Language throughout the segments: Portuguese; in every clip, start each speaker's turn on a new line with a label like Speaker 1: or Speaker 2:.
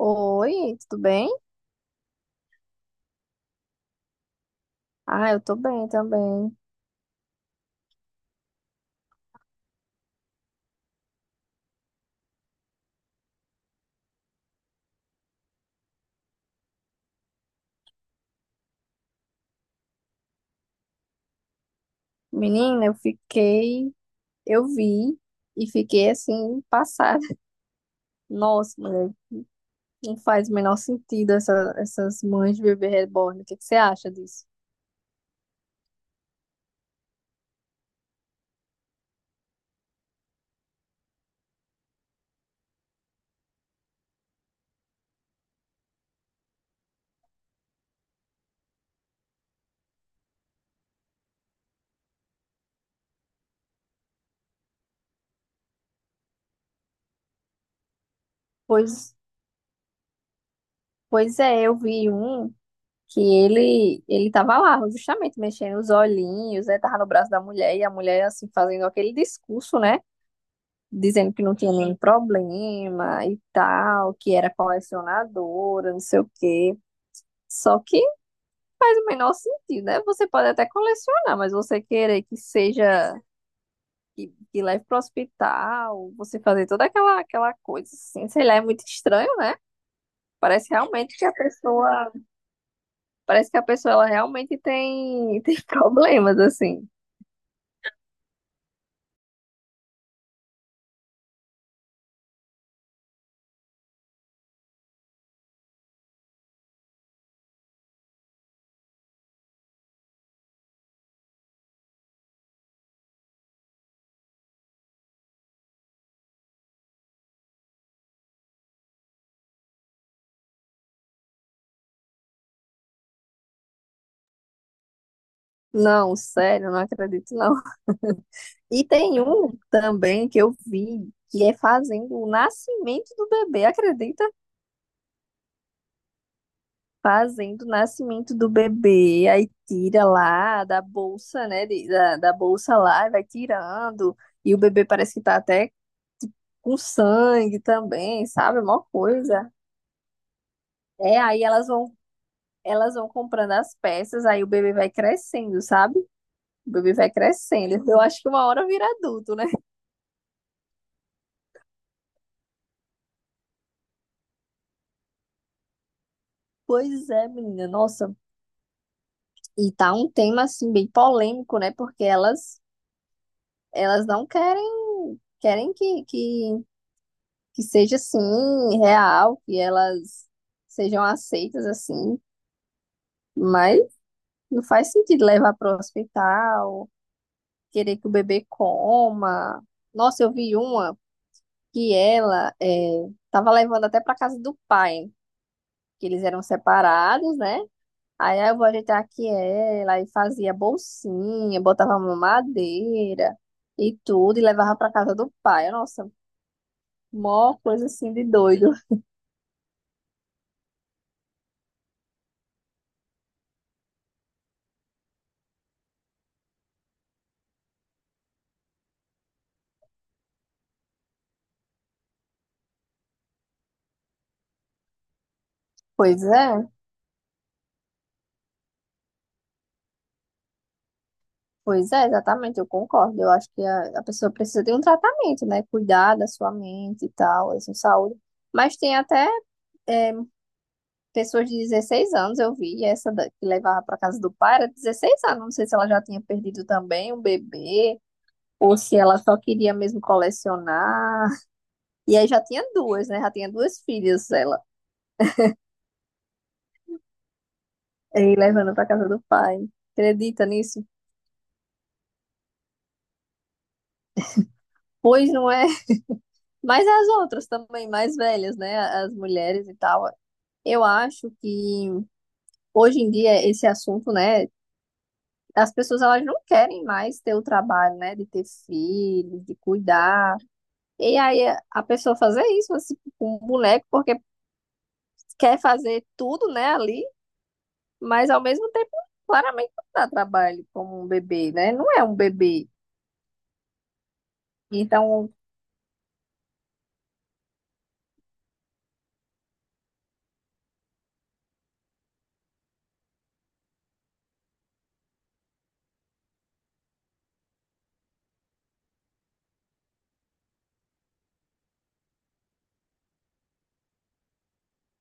Speaker 1: Oi, tudo bem? Ah, eu tô bem também. Menina, eu fiquei, eu vi e fiquei assim, passada. Nossa, mulher, não faz o menor sentido essas mães de bebê reborn. O que que você acha disso? Pois, pois é, eu vi um que ele tava lá, justamente mexendo os olhinhos, né? Tava no braço da mulher e a mulher, assim, fazendo aquele discurso, né? Dizendo que não tinha nenhum problema e tal, que era colecionadora, não sei o quê. Só que faz o menor sentido, né? Você pode até colecionar, mas você querer que seja, que leve para o hospital, você fazer toda aquela coisa assim, sei lá, é muito estranho, né? Parece realmente que a pessoa, Parece que a pessoa ela realmente tem problemas, assim. Não, sério, não acredito, não. E tem um também que eu vi, que é fazendo o nascimento do bebê, acredita? Fazendo o nascimento do bebê, aí tira lá da bolsa, né, da bolsa lá, e vai tirando, e o bebê parece que tá até com sangue também, sabe? É mó coisa. É, aí elas vão comprando as peças, aí o bebê vai crescendo, sabe? O bebê vai crescendo. Eu acho que uma hora vira adulto, né? Pois é, menina, nossa. E tá um tema assim bem polêmico, né? Porque elas não querem que seja assim, real, que elas sejam aceitas assim, mas não faz sentido levar para o hospital, querer que o bebê coma. Nossa, eu vi uma que ela estava levando até para casa do pai, que eles eram separados, né? Aí ah, eu vou ajeitar aqui ela e fazia bolsinha, botava mamadeira e tudo, e levava para casa do pai. Nossa, mó coisa assim de doido. Pois é. Pois é, exatamente, eu concordo. Eu acho que a pessoa precisa de um tratamento, né? Cuidar da sua mente e tal, da sua saúde. Mas tem até é, pessoas de 16 anos, eu vi, essa que levava para casa do pai era 16 anos. Não sei se ela já tinha perdido também um bebê, ou se ela só queria mesmo colecionar. E aí já tinha duas, né? Já tinha duas filhas ela, e levando para casa do pai. Acredita nisso? Pois não é. Mas as outras também, mais velhas, né? As mulheres e tal. Eu acho que hoje em dia esse assunto, né, as pessoas elas não querem mais ter o trabalho, né, de ter filhos, de cuidar. E aí a pessoa fazer isso assim, com um boneco porque quer fazer tudo, né, ali, mas ao mesmo tempo claramente não dá trabalho como um bebê, né? Não é um bebê. Então,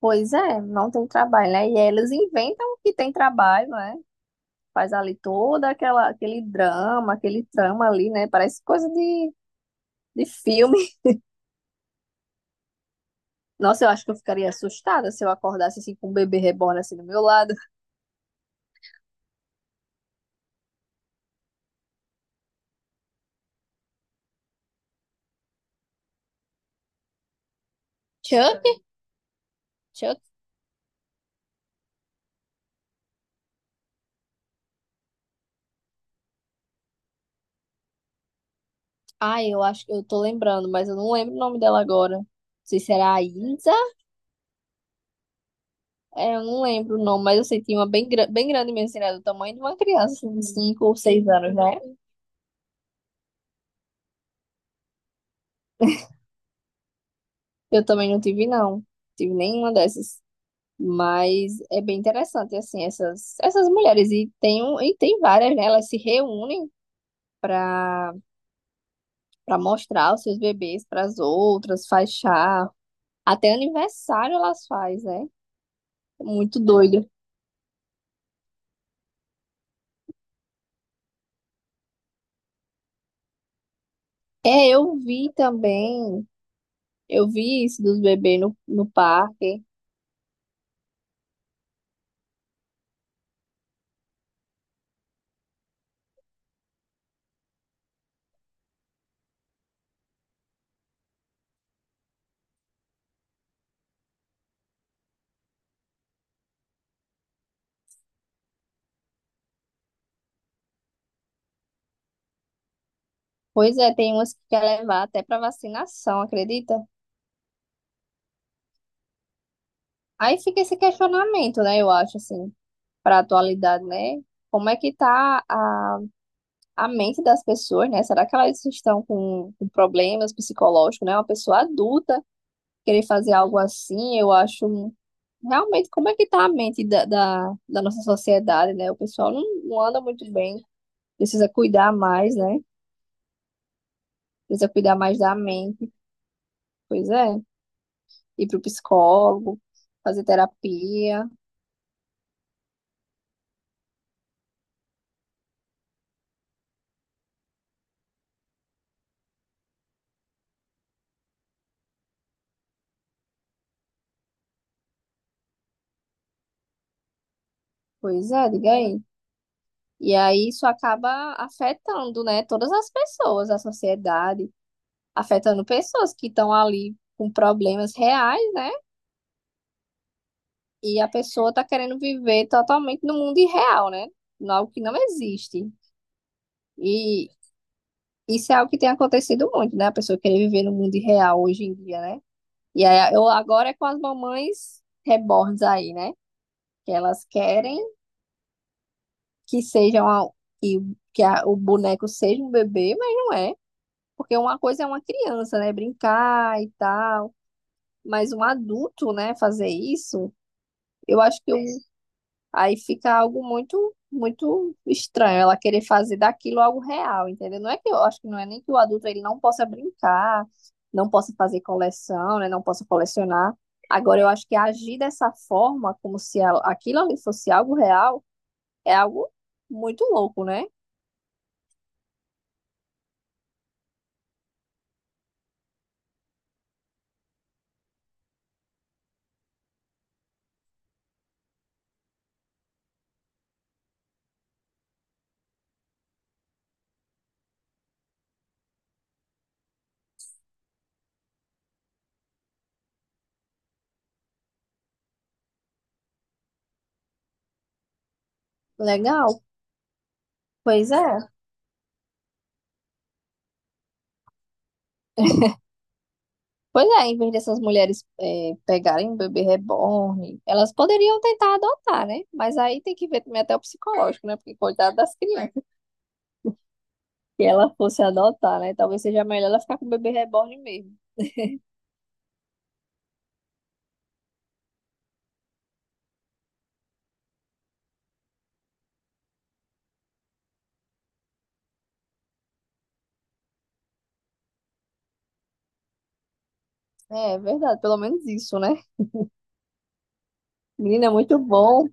Speaker 1: pois é, não tem trabalho, né? E elas inventam que tem trabalho, né? Faz ali toda aquela aquele drama, aquele trama ali, né? Parece coisa de filme. Nossa, eu acho que eu ficaria assustada se eu acordasse assim com um bebê reborn assim do meu lado. Chuck? Chuck? Ai, eu acho que eu tô lembrando, mas eu não lembro o nome dela agora. Não sei se era a Isa. É, eu não lembro o nome, mas eu sei que tinha uma bem grande mesmo, assim, né? Do tamanho de uma criança, assim, de 5 ou 6 anos, né? Eu também não tive, não. Tive nenhuma dessas. Mas é bem interessante, assim, essas mulheres. E E tem várias, né? Elas se reúnem para para mostrar os seus bebês para as outras, faz chá, até aniversário elas faz, né? Muito doido. É, eu vi também, eu vi isso dos bebês no parque. Pois é, tem umas que quer levar até para vacinação, acredita? Aí fica esse questionamento, né? Eu acho assim, para atualidade, né? Como é que tá a mente das pessoas, né? Será que elas estão com problemas psicológicos, né? Uma pessoa adulta querer fazer algo assim, eu acho realmente como é que tá a mente da nossa sociedade, né? O pessoal não anda muito bem, precisa cuidar mais, né? Precisa cuidar mais da mente, pois é. Ir pro psicólogo, fazer terapia, pois é, diga aí. E aí isso acaba afetando, né, todas as pessoas, a sociedade, afetando pessoas que estão ali com problemas reais, né? E a pessoa tá querendo viver totalmente no mundo irreal, né? Algo que não existe. E isso é algo que tem acontecido muito, né? A pessoa querer viver no mundo real hoje em dia, né? E aí, eu agora é com as mamães reborns aí, né? Que elas querem que seja uma, que, que o boneco seja um bebê, mas não é. Porque uma coisa é uma criança, né? Brincar e tal. Mas um adulto, né? Fazer isso, eu acho que o, aí fica algo muito, muito estranho ela querer fazer daquilo algo real, entendeu? Não é que eu acho que não é nem que o adulto ele não possa brincar, não possa fazer coleção, né? Não possa colecionar. Agora eu acho que agir dessa forma, como se aquilo ali fosse algo real, é algo muito louco, né? Legal, pois é. Pois é, em vez dessas mulheres pegarem um bebê reborn, elas poderiam tentar adotar, né? Mas aí tem que ver também até o psicológico, né? Porque coitado das crianças. Que ela fosse adotar, né? Talvez seja melhor ela ficar com o bebê reborn mesmo. É, é verdade, pelo menos isso, né? Menina,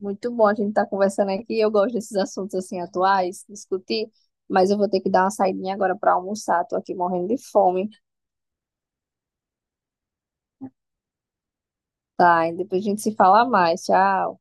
Speaker 1: muito bom a gente estar conversando aqui. Eu gosto desses assuntos assim atuais, discutir, mas eu vou ter que dar uma saidinha agora para almoçar. Tô aqui morrendo de fome, tá? E depois a gente se fala mais. Tchau.